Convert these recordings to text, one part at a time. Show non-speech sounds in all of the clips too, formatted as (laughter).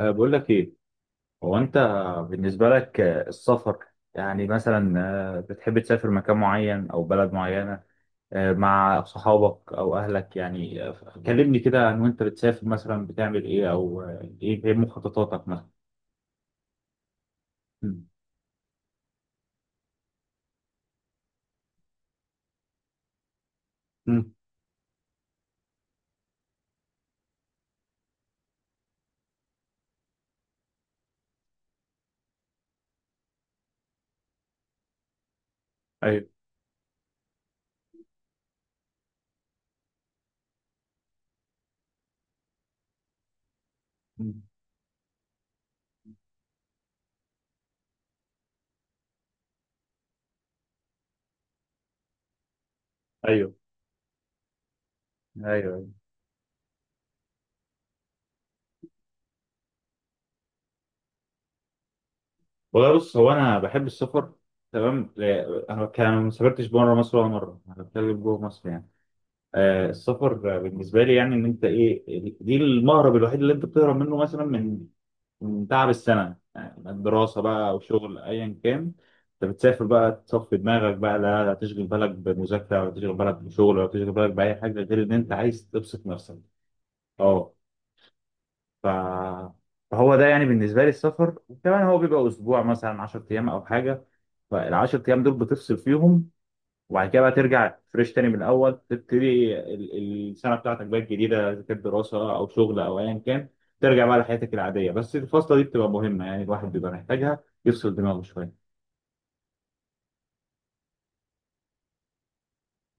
أه، بقول لك ايه، هو انت بالنسبه لك السفر، يعني مثلا بتحب تسافر مكان معين او بلد معينه مع صحابك او اهلك؟ يعني كلمني كده عن وانت بتسافر مثلا بتعمل ايه، او إيه مخططاتك مثلا. مم. مم. ايوه. مم. ايوه. ايوه. والله بص، هو انا بحب السفر. تمام، لا، انا كان ما سافرتش بره مصر ولا مره، انا بتكلم جوه مصر يعني. السفر بالنسبة لي يعني إن أنت إيه، دي المهرب الوحيد اللي أنت بتهرب منه مثلا من تعب السنة، يعني الدراسة بقى أو شغل أيا كان. أنت بتسافر بقى تصفي دماغك بقى، لا لا تشغل بالك بمذاكرة ولا تشغل بالك بشغل ولا تشغل بالك بأي حاجة غير إن أنت عايز تبسط نفسك. أه ف... فهو ده يعني بالنسبة لي السفر، وكمان هو بيبقى أسبوع مثلا 10 أيام أو حاجة، فالعشر أيام دول بتفصل فيهم، وبعد كده بقى ترجع فريش تاني من الاول، تبتدي السنه بتاعتك بقى الجديده، اذا كانت دراسه او شغل او ايا كان، ترجع بقى لحياتك العاديه، بس الفاصله دي بتبقى مهمه، يعني الواحد بيبقى محتاجها يفصل دماغه شويه.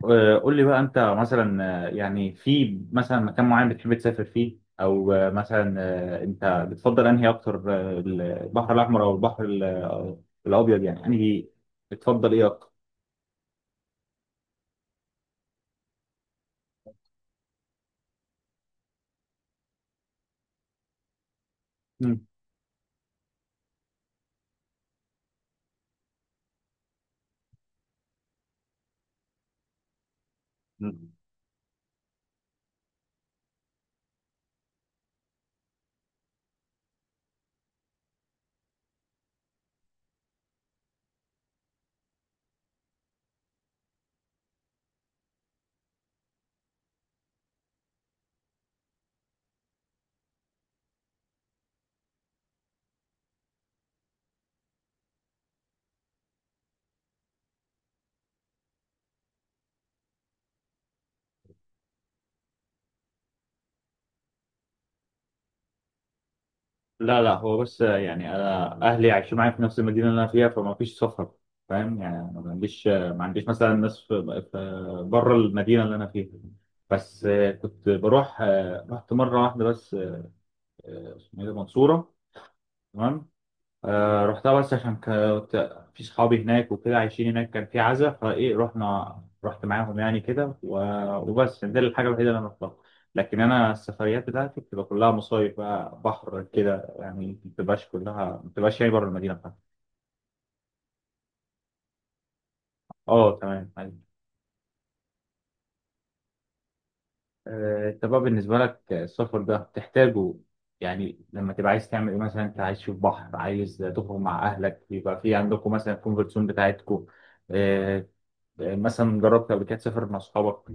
قول لي بقى انت مثلا، يعني في مثلا مكان معين بتحب تسافر فيه، او مثلا انت بتفضل انهي اكتر، البحر الاحمر او البحر الابيض، يعني انهي بتفضل ايه اكتر؟ مم. لا لا، هو بس يعني انا اهلي عايشين معايا في نفس المدينه اللي انا فيها، فما فيش سفر، فاهم يعني، أنا ما عنديش مثلا ناس في بره المدينه اللي انا فيها. بس كنت بروح، رحت مره واحده بس، اسمه ايه ده، منصوره. تمام. رحتها بس عشان كنت في صحابي هناك وكده عايشين هناك، كان في عزا فايه، رحنا رحت معاهم يعني كده وبس، دي الحاجة الوحيدة اللي انا رحتها. لكن انا السفريات بتاعتي بتبقى كلها مصايف بقى، بحر كده يعني، ما بتبقاش كلها، ما بتبقاش يعني بره المدينة بتاعتي. اه تمام، أيوة. انت بقى بالنسبة لك السفر ده بتحتاجه، يعني لما تبقى عايز تعمل ايه مثلا، انت عايز تشوف بحر، عايز تخرج مع اهلك، بيبقى في عندكم مثلا الكونفرت زون بتاعتكم، آه، يعني مثلا جربت قبل كده تسافر مع اصحابك؟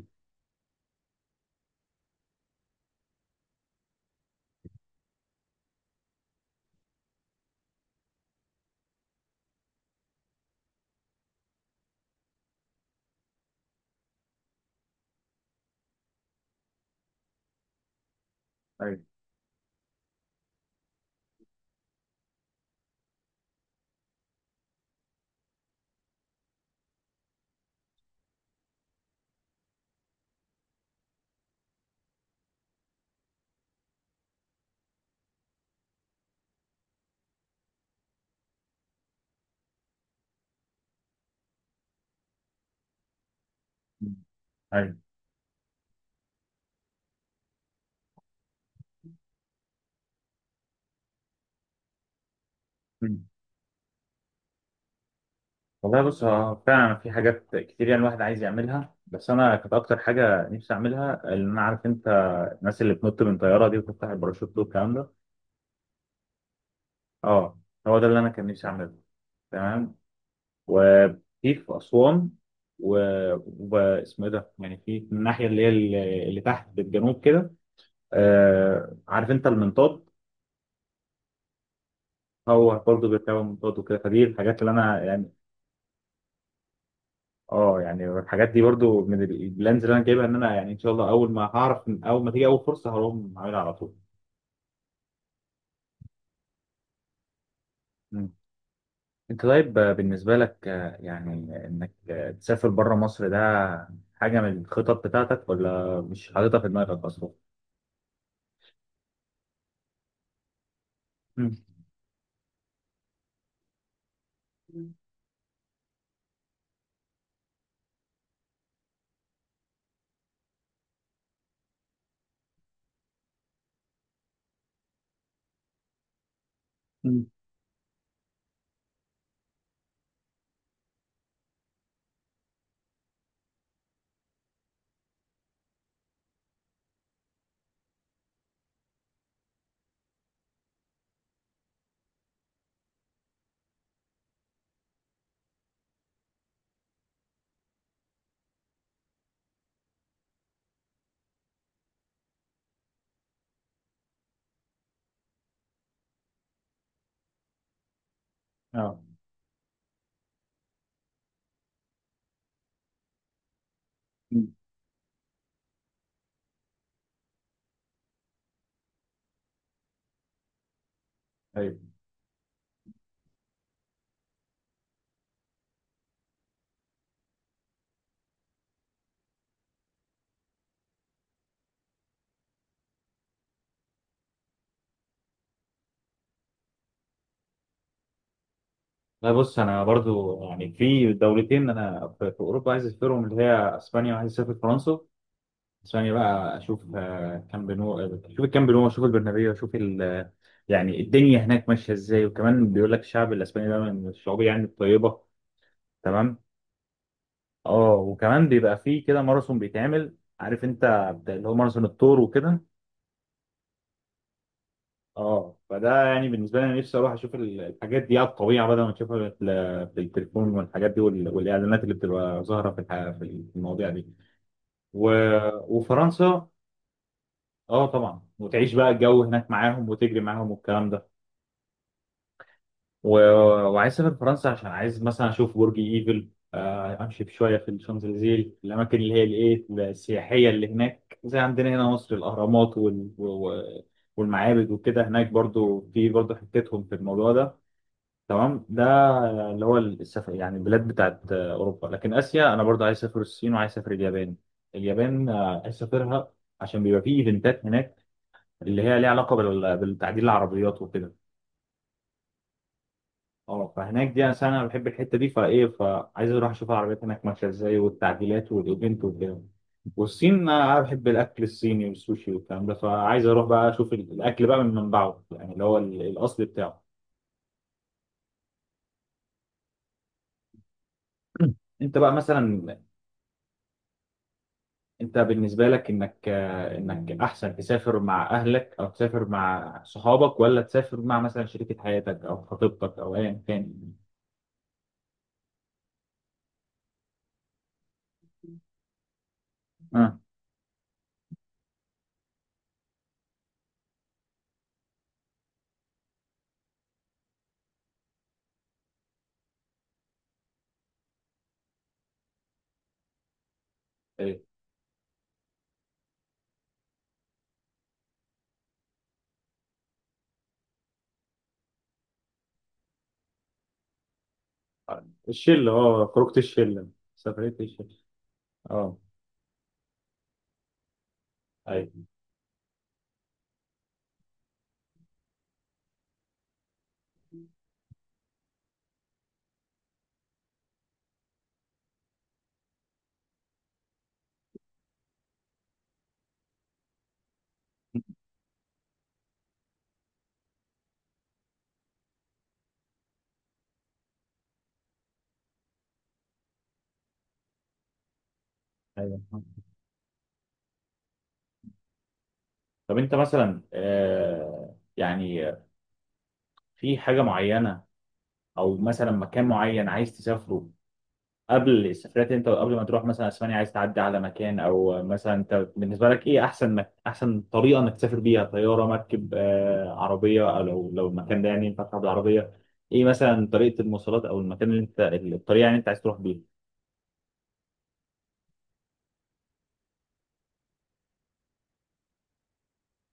ايوه. ايوه. مم. والله بص، هو فعلا في حاجات كتير يعني الواحد عايز يعملها، بس انا كانت اكتر حاجه نفسي اعملها، اللي انا عارف انت الناس اللي بتنط من طياره دي وتفتح الباراشوت والكلام ده. اه، هو ده اللي انا كان نفسي اعمله. تمام. وفي في اسوان و... واسمه ايه ده، يعني في من الناحيه اللي هي اللي تحت بالجنوب كده، عارف انت المنطاد، هو برضه بيركبوا منطاد وكده، فدي الحاجات اللي انا يعني. اه، يعني الحاجات دي برضو من البلانز اللي انا جايبها، ان انا يعني ان شاء الله اول ما هعرف اول ما تيجي اول فرصه هقوم عاملها على طول. مم. انت طيب، بالنسبه لك يعني انك تسافر بره مصر ده، حاجه من الخطط بتاعتك ولا مش حاططها في دماغك اصلا؟ مم. مم. اه. مم. طيب. لا بص، انا برضو يعني في دولتين انا في اوروبا عايز اسافرهم، اللي هي اسبانيا وعايز اسافر فرنسا ثانية بقى، أشوف كامب نو، أشوف الكامب نو، أشوف البرنابيو، أشوف يعني الدنيا هناك ماشية إزاي، وكمان بيقول لك الشعب الأسباني ده من الشعوب يعني الطيبة. تمام. أه، وكمان بيبقى فيه كده ماراثون بيتعمل، عارف أنت اللي هو ماراثون الثور وكده. أه، فده يعني بالنسبة لي أنا نفسي أروح أشوف الحاجات دي على الطبيعة، بدل ما تشوفها في في التليفون والحاجات دي والإعلانات اللي بتبقى ظاهرة في في المواضيع دي. و... وفرنسا، أه طبعا، وتعيش بقى الجو هناك معاهم وتجري معاهم والكلام ده. و... وعايز اسافر فرنسا عشان عايز مثلا اشوف برج ايفل، امشي شويه في الشانزليزيه، الاماكن اللي هي الايه السياحيه اللي هناك زي عندنا هنا مصر الاهرامات والمعابد وكده، هناك برضو في برضو حتتهم في الموضوع ده. تمام ده اللي هو السفر، يعني البلاد بتاعت اوروبا، لكن اسيا انا برضو عايز اسافر الصين وعايز اسافر اليابان، اليابان عايز اسافرها عشان بيبقى فيه ايفنتات هناك، اللي هي ليها علاقه بالتعديل العربيات وكده. اه، فهناك دي انا بحب الحته دي فايه، فعايز اروح اشوف العربيات هناك ماشيه ازاي والتعديلات والايفنت والجو. والصين انا بحب الاكل الصيني والسوشي والكلام ده، فعايز اروح بقى اشوف الاكل بقى من منبعه، يعني اللي هو الاصل بتاعه. (clears throat) انت بقى مثلا، انت بالنسبه لك انك احسن تسافر مع اهلك او تسافر مع صحابك ولا تسافر مع مثلا شريكه حياتك او خطيبتك او ايا كان؟ آه. ايه الشله، اه خروجه الشله، سفريه الشله. اه. ايوه. ايوه. طب انت مثلا يعني في حاجه معينه او مثلا مكان معين عايز تسافره قبل السفرات، انت قبل ما تروح مثلا اسبانيا عايز تعدي على مكان، او مثلا انت بالنسبه لك ايه احسن احسن طريقه انك تسافر بيها، طياره، مركب، عربيه، او لو المكان ده يعني ينفع تروح بالعربيه، ايه مثلا طريقه المواصلات او المكان اللي انت الطريقه اللي انت عايز تروح بيها؟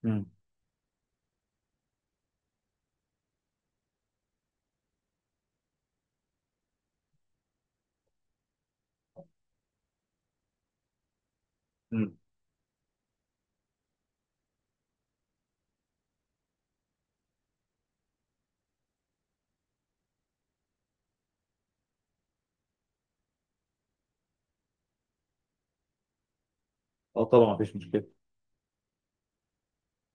امم. امم. اه طبعا مفيش مشكله.